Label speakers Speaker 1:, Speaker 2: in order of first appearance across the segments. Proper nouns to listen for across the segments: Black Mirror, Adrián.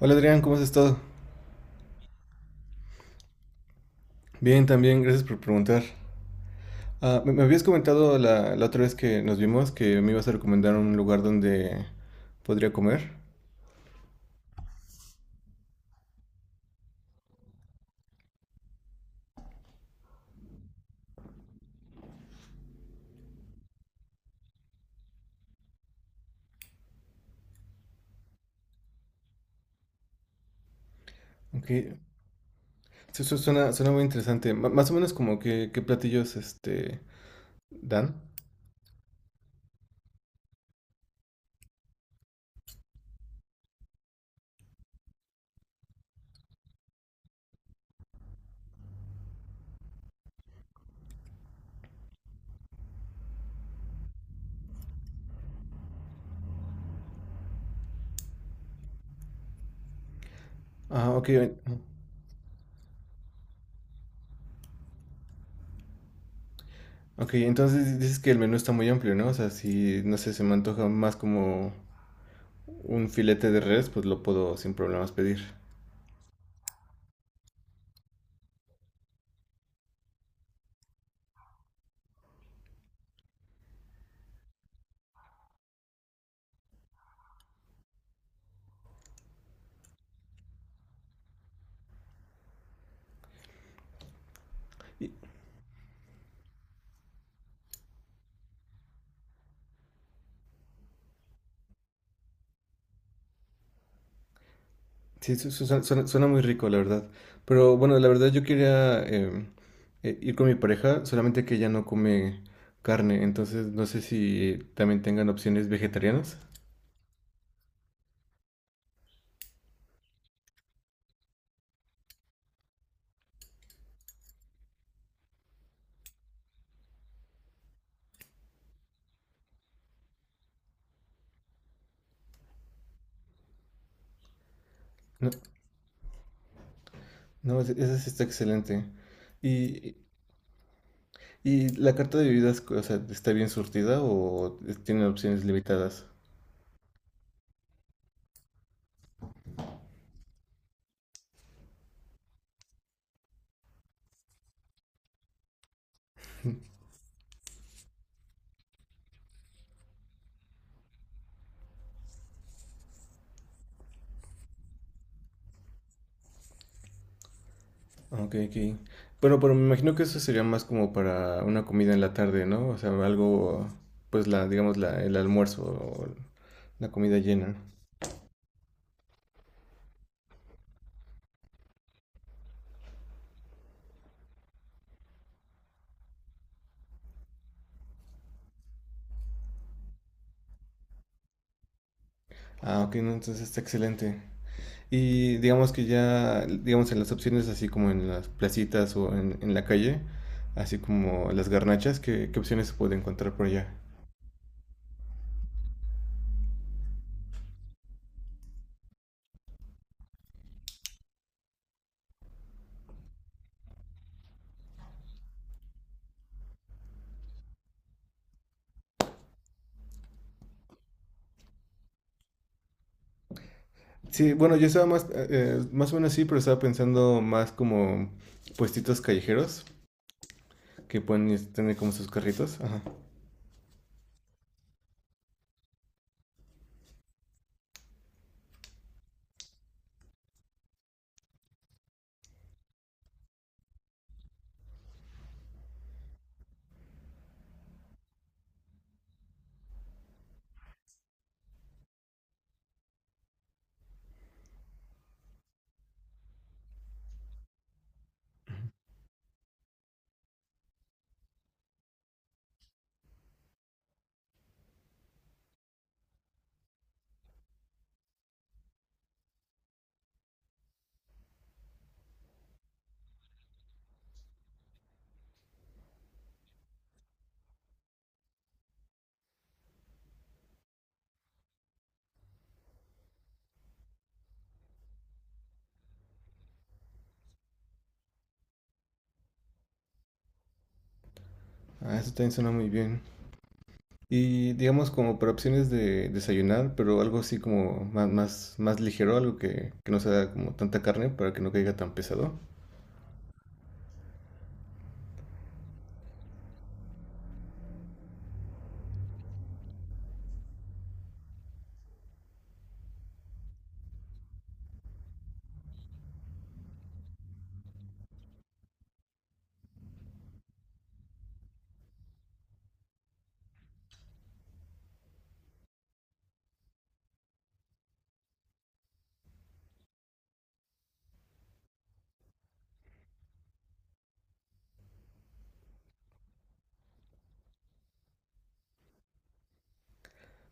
Speaker 1: Hola Adrián, ¿cómo has estado? Bien, también, gracias por preguntar. Me habías comentado la otra vez que nos vimos que me ibas a recomendar un lugar donde podría comer. Ok, sí, suena, suena muy interesante. Más o menos como qué platillos dan. Ah, ok, eh, ok, entonces dices que el menú está muy amplio, ¿no? O sea, si, no sé, se me antoja más como un filete de res, pues lo puedo sin problemas pedir. Sí, suena, muy rico, la verdad. Pero bueno, la verdad yo quería ir con mi pareja, solamente que ella no come carne, entonces no sé si también tengan opciones vegetarianas. No, no, esa sí está excelente. ¿Y, y la carta de bebidas, o sea, ¿está bien surtida o tiene opciones limitadas? Ok, ok. Bueno, pero me imagino que eso sería más como para una comida en la tarde, ¿no? O sea, algo, pues el almuerzo o la comida llena. Ok, no, entonces está excelente. Y digamos que ya, digamos en las opciones, así como en las placitas o en la calle, así como las garnachas, ¿qué opciones se puede encontrar por allá? Sí, bueno, yo estaba más, más o menos sí, pero estaba pensando más como puestitos callejeros que pueden tener como sus carritos. Ajá. Ah, eso también suena muy bien. Y digamos como para opciones de desayunar, pero algo así como más ligero, algo que no sea como tanta carne para que no caiga tan pesado.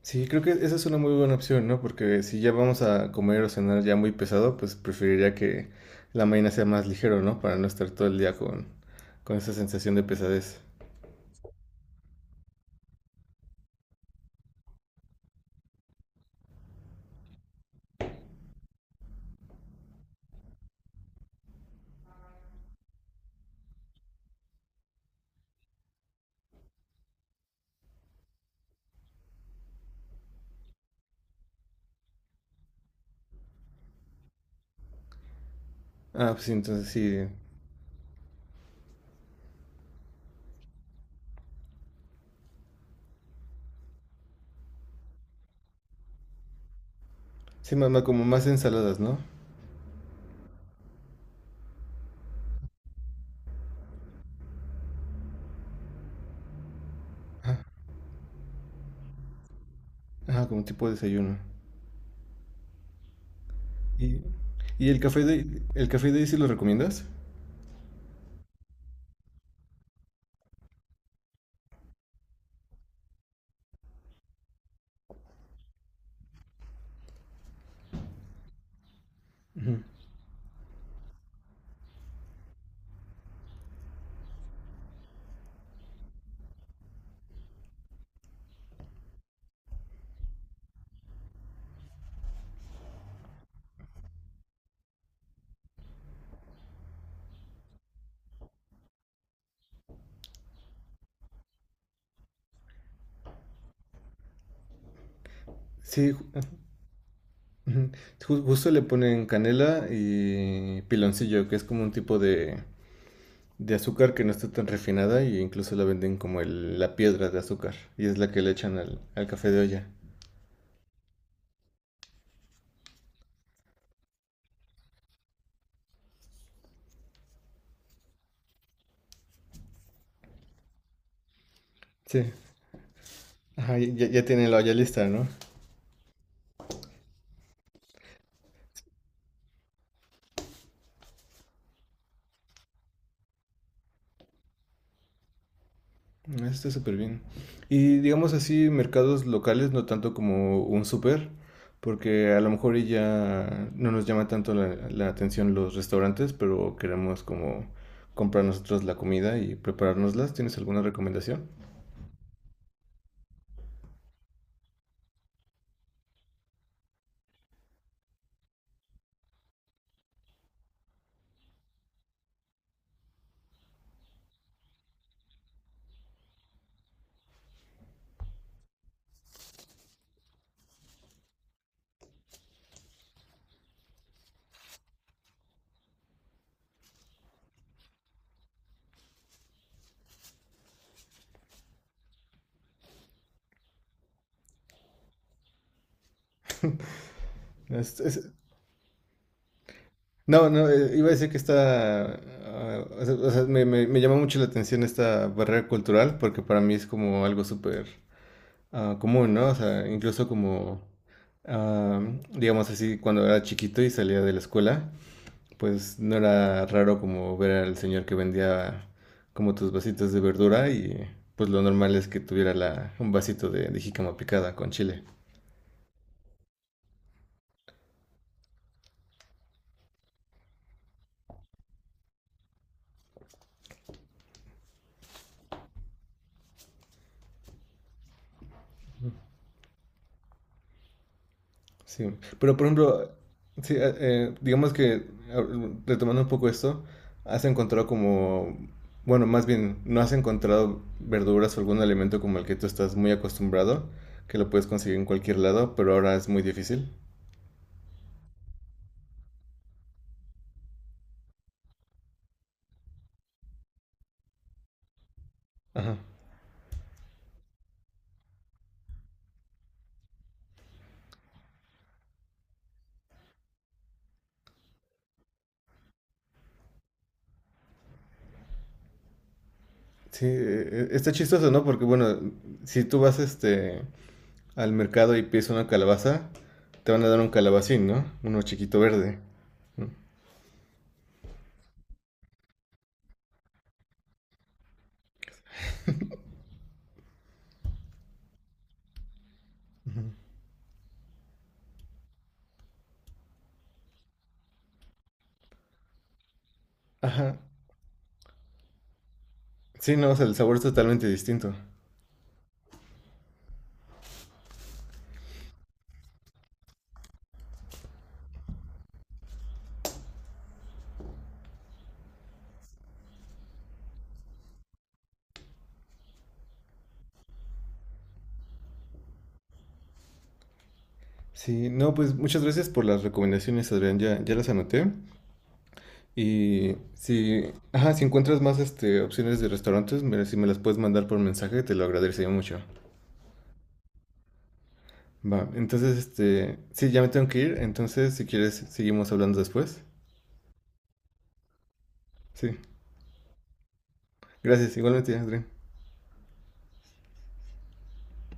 Speaker 1: Sí, creo que esa es una muy buena opción, ¿no? Porque si ya vamos a comer o cenar ya muy pesado, pues preferiría que la mañana sea más ligero, ¿no? Para no estar todo el día con esa sensación de pesadez. Ah, pues sí, entonces sí. Sí, más, como más ensaladas, ¿no? Ah, como tipo de desayuno. ¿Y, y el café el café de ahí sí lo recomiendas? Sí, justo le ponen canela y piloncillo, que es como un tipo de azúcar que no está tan refinada, e incluso la venden como la piedra de azúcar, y es la que le echan al café de olla. Sí, ajá, ya, ya tiene la olla lista, ¿no? Eso está súper bien. Y digamos así, mercados locales, no tanto como un súper, porque a lo mejor y ya no nos llama tanto la atención los restaurantes, pero queremos como comprar nosotros la comida y preparárnoslas. ¿Tienes alguna recomendación? Es- es- No, no, iba a decir que está, ah, o sea, me llama mucho la atención esta barrera cultural, porque para mí es como algo súper común, ¿no? O sea, incluso como, ah, digamos así, cuando era chiquito y salía de la escuela, pues no era raro como ver al señor que vendía como tus vasitos de verdura, y pues lo normal es que tuviera un vasito de jícama picada con chile. Sí, pero por ejemplo, sí, digamos que retomando un poco esto, has encontrado como, bueno, más bien, no has encontrado verduras o algún alimento como el que tú estás muy acostumbrado, que lo puedes conseguir en cualquier lado, pero ahora es muy difícil. Ajá. Sí, está chistoso, ¿no? Porque bueno, si tú vas este al mercado y pides una calabaza, te van a dar un calabacín, ¿no? Uno chiquito verde. Ajá. Sí, no, o sea, el sabor es totalmente distinto. Sí, no, pues muchas gracias por las recomendaciones, Adrián, ya, ya las anoté. Y si, ajá, si encuentras más este, opciones de restaurantes, si me las puedes mandar por mensaje, te lo agradecería mucho. Va, entonces, este, sí, ya me tengo que ir, entonces si quieres, seguimos hablando después. Sí, gracias, igualmente, Adrián.